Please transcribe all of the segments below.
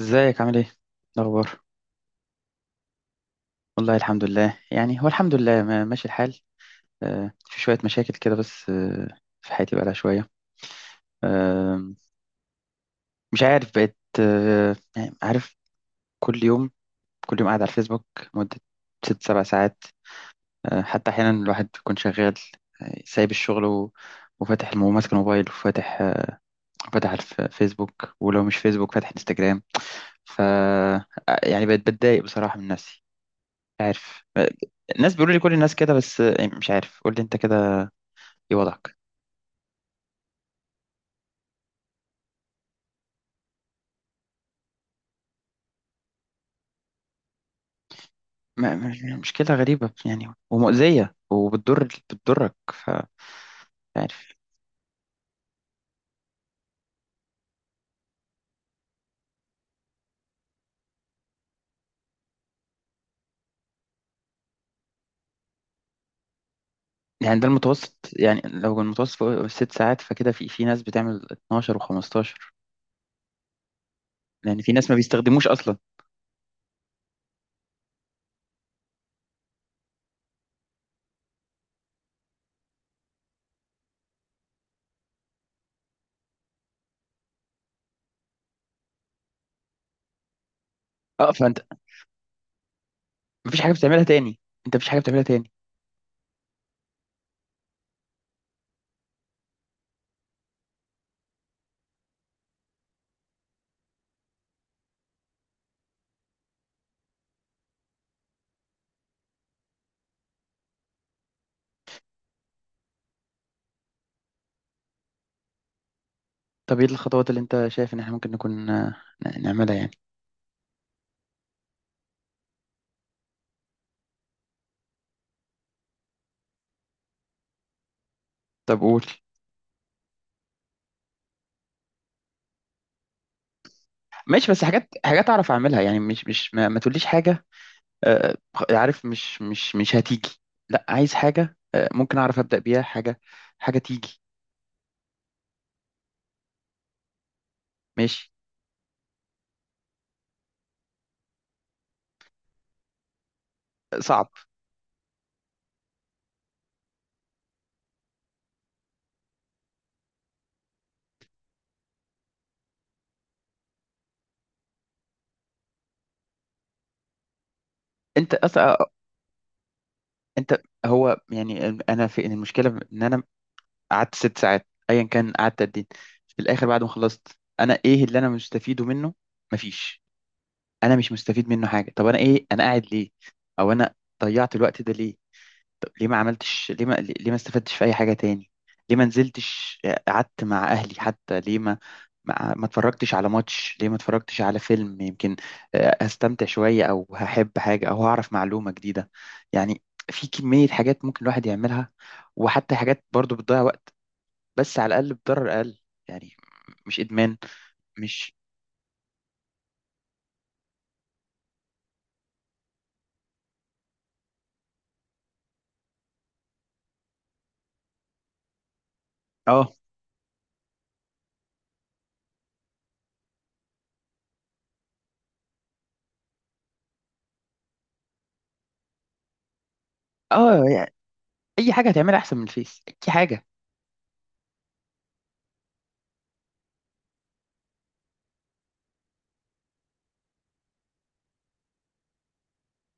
ازيك عامل ايه؟ إيه الاخبار؟ والله الحمد لله، يعني هو الحمد لله، ماشي الحال. في شوية مشاكل كده، بس في حياتي بقالها شوية. آه، مش عارف، بقيت يعني عارف، كل يوم، كل يوم قاعد على الفيسبوك مدة 6 7 ساعات. حتى أحيانا الواحد بيكون شغال، سايب الشغل وفاتح ماسك الموبايل، وفاتح آه، فاتح الفيسبوك، ولو مش فيسبوك فاتح انستجرام. ف آه، يعني بقيت بتضايق بصراحة من نفسي، عارف؟ الناس بيقولوا لي كل الناس كده، بس مش عارف. قول لي انت كده، ايه وضعك؟ مشكلة غريبة يعني، ومؤذية، وبتضر بتضرك. ف، عارف؟ يعني ده المتوسط، يعني لو المتوسط فوق 6 ساعات فكده في ناس بتعمل 12 و15، لان في ناس ما بيستخدموش اصلا. اه فانت مفيش حاجة بتعملها تاني. انت مفيش حاجة بتعملها تاني. طب ايه الخطوات اللي انت شايف ان احنا ممكن نكون نعملها يعني؟ طب قول. ماشي، بس حاجات حاجات اعرف اعملها يعني، مش ما تقوليش حاجة. آه، عارف، مش هتيجي. لا، عايز حاجة ممكن أعرف أبدأ بيها، حاجة، حاجة تيجي. ماشي. صعب. أنت أصلا أنت هو يعني أنا، في إن المشكلة إن أنا قعدت ست ساعات أيا كان، قعدت قد إيه؟ في الآخر بعد ما خلصت، أنا إيه اللي أنا مستفيده منه؟ مفيش. أنا مش مستفيد منه حاجة. طب أنا إيه؟ أنا قاعد ليه؟ أو أنا ضيعت الوقت ده ليه؟ طب ليه ما عملتش، ليه ما استفدتش في اي حاجه تاني؟ ليه ما نزلتش قعدت مع اهلي حتى؟ ليه ما اتفرجتش على ماتش؟ ليه ما اتفرجتش على فيلم؟ يمكن هستمتع شويه، او هحب حاجه، او هعرف معلومه جديده يعني. في كميه حاجات ممكن الواحد يعملها، وحتى حاجات برضو بتضيع وقت بس على الاقل بضرر اقل، يعني مش ادمان. مش، اه اه يعني اي حاجه هتعملها احسن من الفيس، اي حاجه.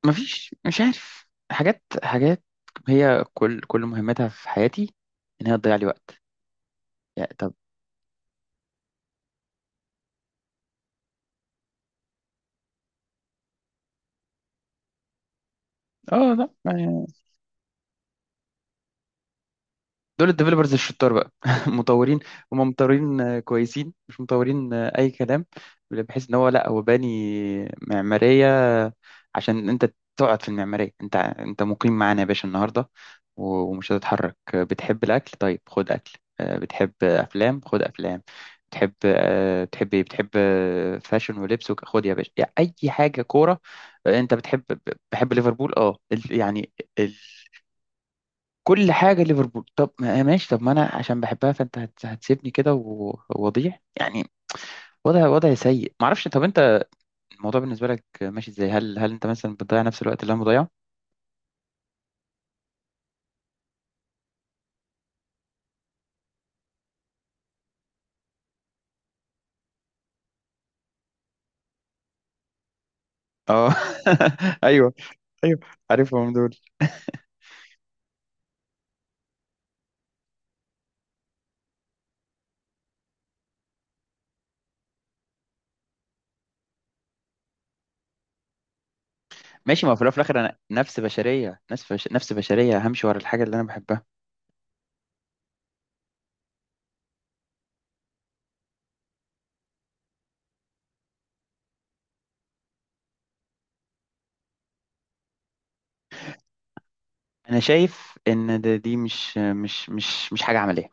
مفيش، مش عارف. حاجات حاجات هي، كل مهمتها في حياتي ان هي تضيع لي وقت يعني. طب اه، لا، دول الديفلوبرز الشطار بقى مطورين. هم مطورين كويسين، مش مطورين اي كلام، بحيث ان هو، لا هو باني معماريه عشان انت تقعد في المعماريه، انت مقيم معانا يا باشا النهارده ومش هتتحرك. بتحب الاكل؟ طيب خد اكل. بتحب افلام؟ خد افلام. بتحب ايه؟ بتحب آه، فاشن ولبس خد يا باشا يعني، اي حاجه. كوره؟ انت بتحب. بحب ليفربول اه، يعني كل حاجه ليفربول. طب ماشي، طب ما انا عشان بحبها، فانت هتسيبني كده وأضيع يعني، وضع سيء، ما اعرفش. طب انت الموضوع بالنسبه لك ماشي ازاي؟ هل انت مثلا بتضيع نفس الوقت اللي انا بضيعه؟ اه ايوه، ايوه، عارفهم دول. ماشي، ما هو في الأول وفي الاخر انا نفس بشريه، نفس بشريه همشي ورا الحاجه اللي انا بحبها. انا شايف ان دي مش حاجه عمليه.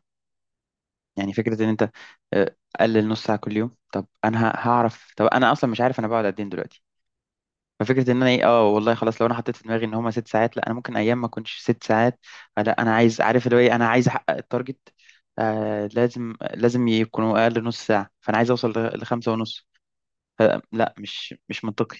يعني فكره ان انت قلل نص ساعه كل يوم، طب انا هعرف؟ طب انا اصلا مش عارف انا بقعد قد ايه دلوقتي. ففكره ان انا ايه، اه والله خلاص. لو انا حطيت في دماغي ان هما 6 ساعات، لا، انا ممكن ايام ما اكونش 6 ساعات. لا، انا عايز عارف اللي هو ايه، انا عايز احقق التارجت، لازم لازم يكونوا اقل نص ساعه، فانا عايز اوصل لخمسة ونص. لا، مش منطقي.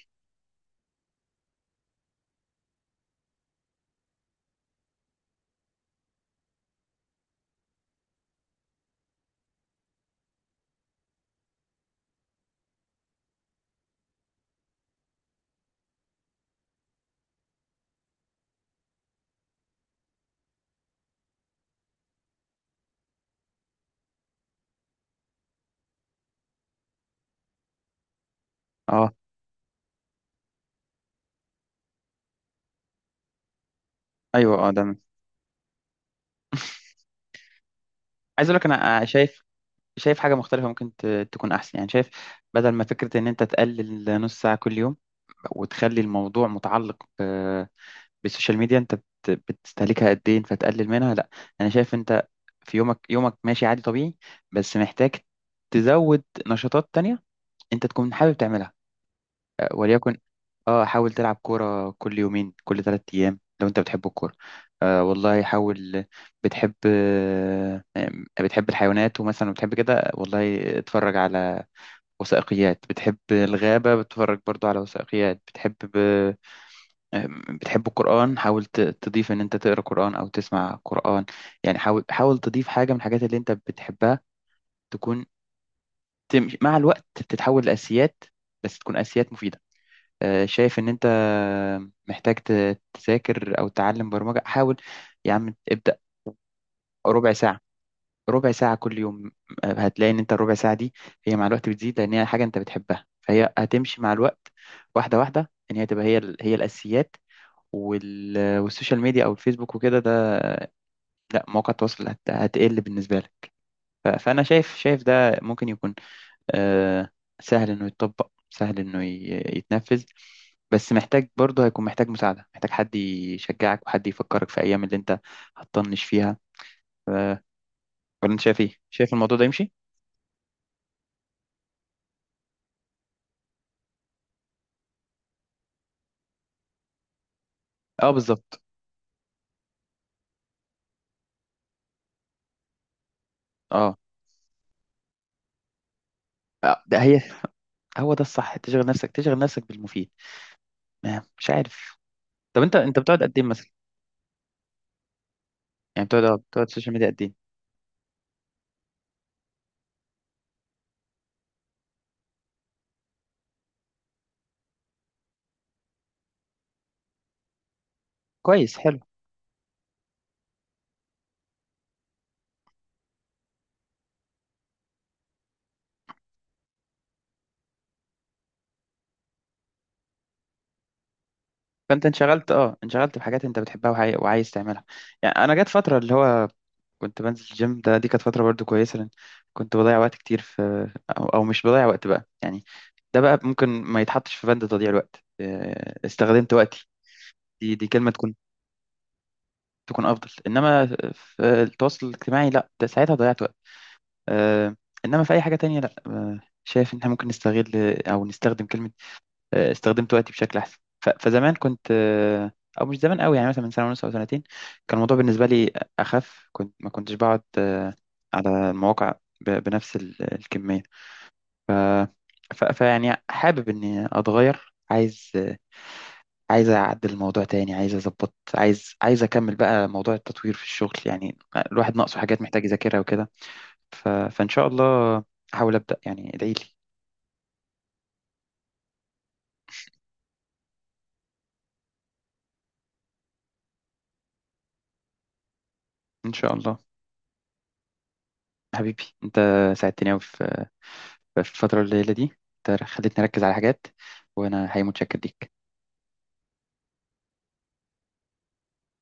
اه، ايوه. اه، ده عايز اقول لك انا، شايف حاجه مختلفه ممكن تكون احسن يعني، شايف. بدل ما فكره ان انت تقلل نص ساعه كل يوم، وتخلي الموضوع متعلق بالسوشيال ميديا، انت بتستهلكها قد ايه فتقلل منها، لا. انا شايف انت في يومك، يومك ماشي عادي طبيعي، بس محتاج تزود نشاطات تانية انت تكون حابب تعملها. وليكن، اه، حاول تلعب كورة كل يومين، كل 3 ايام، لو انت بتحب الكورة. والله حاول. بتحب آه بتحب الحيوانات، ومثلا بتحب كده، والله اتفرج على وثائقيات. بتحب الغابة، بتتفرج برضو على وثائقيات. بتحب، بتحب القرآن، حاول تضيف إن أنت تقرأ قرآن أو تسمع قرآن. يعني حاول، حاول تضيف حاجة من الحاجات اللي أنت بتحبها، تكون تمشي مع الوقت، تتحول لأساسيات، بس تكون أساسيات مفيدة. شايف إن أنت محتاج تذاكر أو تعلم برمجة. حاول يا عم، ابدأ ربع ساعة، ربع ساعة كل يوم. هتلاقي إن أنت الربع ساعة دي هي مع الوقت بتزيد، لأن هي حاجة أنت بتحبها، فهي هتمشي مع الوقت واحدة واحدة إن هي تبقى، هي الأساسيات. والسوشيال ميديا أو الفيسبوك وكده، ده لا، مواقع التواصل هتقل بالنسبة لك. فأنا شايف ده ممكن يكون آه، سهل إنه يتطبق، سهل إنه يتنفذ، بس محتاج برضه، هيكون محتاج مساعدة، محتاج حد يشجعك وحد يفكرك في أيام اللي أنت هتطنش فيها. ولا أنت شايف إيه؟ شايف الموضوع ده يمشي؟ أه بالظبط. أه، ده هي هو ده الصح، تشغل نفسك، تشغل نفسك بالمفيد. مش عارف. طب أنت بتقعد قد إيه مثلا؟ يعني بتقعد السوشيال ميديا قد إيه؟ كويس، حلو. فانت انشغلت بحاجات انت بتحبها وعايز تعملها. يعني انا جت فتره اللي هو كنت بنزل الجيم، دي كانت فتره برضو كويسه، لان كنت بضيع وقت كتير في، أو مش بضيع وقت بقى يعني، ده بقى ممكن ما يتحطش في بند تضييع الوقت. استخدمت وقتي، دي كلمه تكون تكون افضل، انما في التواصل الاجتماعي لا، ده ساعتها ضيعت وقت. آه، انما في اي حاجه تانية لا، شايف ان احنا ممكن نستغل، او نستخدم كلمه استخدمت وقتي بشكل احسن. فزمان كنت او مش زمان قوي يعني، مثلا من سنه ونص او سنتين كان الموضوع بالنسبه لي اخف، كنت ما كنتش بقعد على المواقع بنفس الكميه. فيعني حابب اني اتغير، عايز اعدل الموضوع تاني، عايز اظبط، عايز اكمل بقى موضوع التطوير في الشغل يعني، الواحد ناقصه حاجات محتاج يذاكرها وكده. فان شاء الله احاول ابدا يعني، ادعي لي. ان شاء الله. حبيبي انت، ساعدتني قوي فالفترة القليلة دي، انت خلتني أركز على حاجات، وأنا حقيقي متشكر ليك.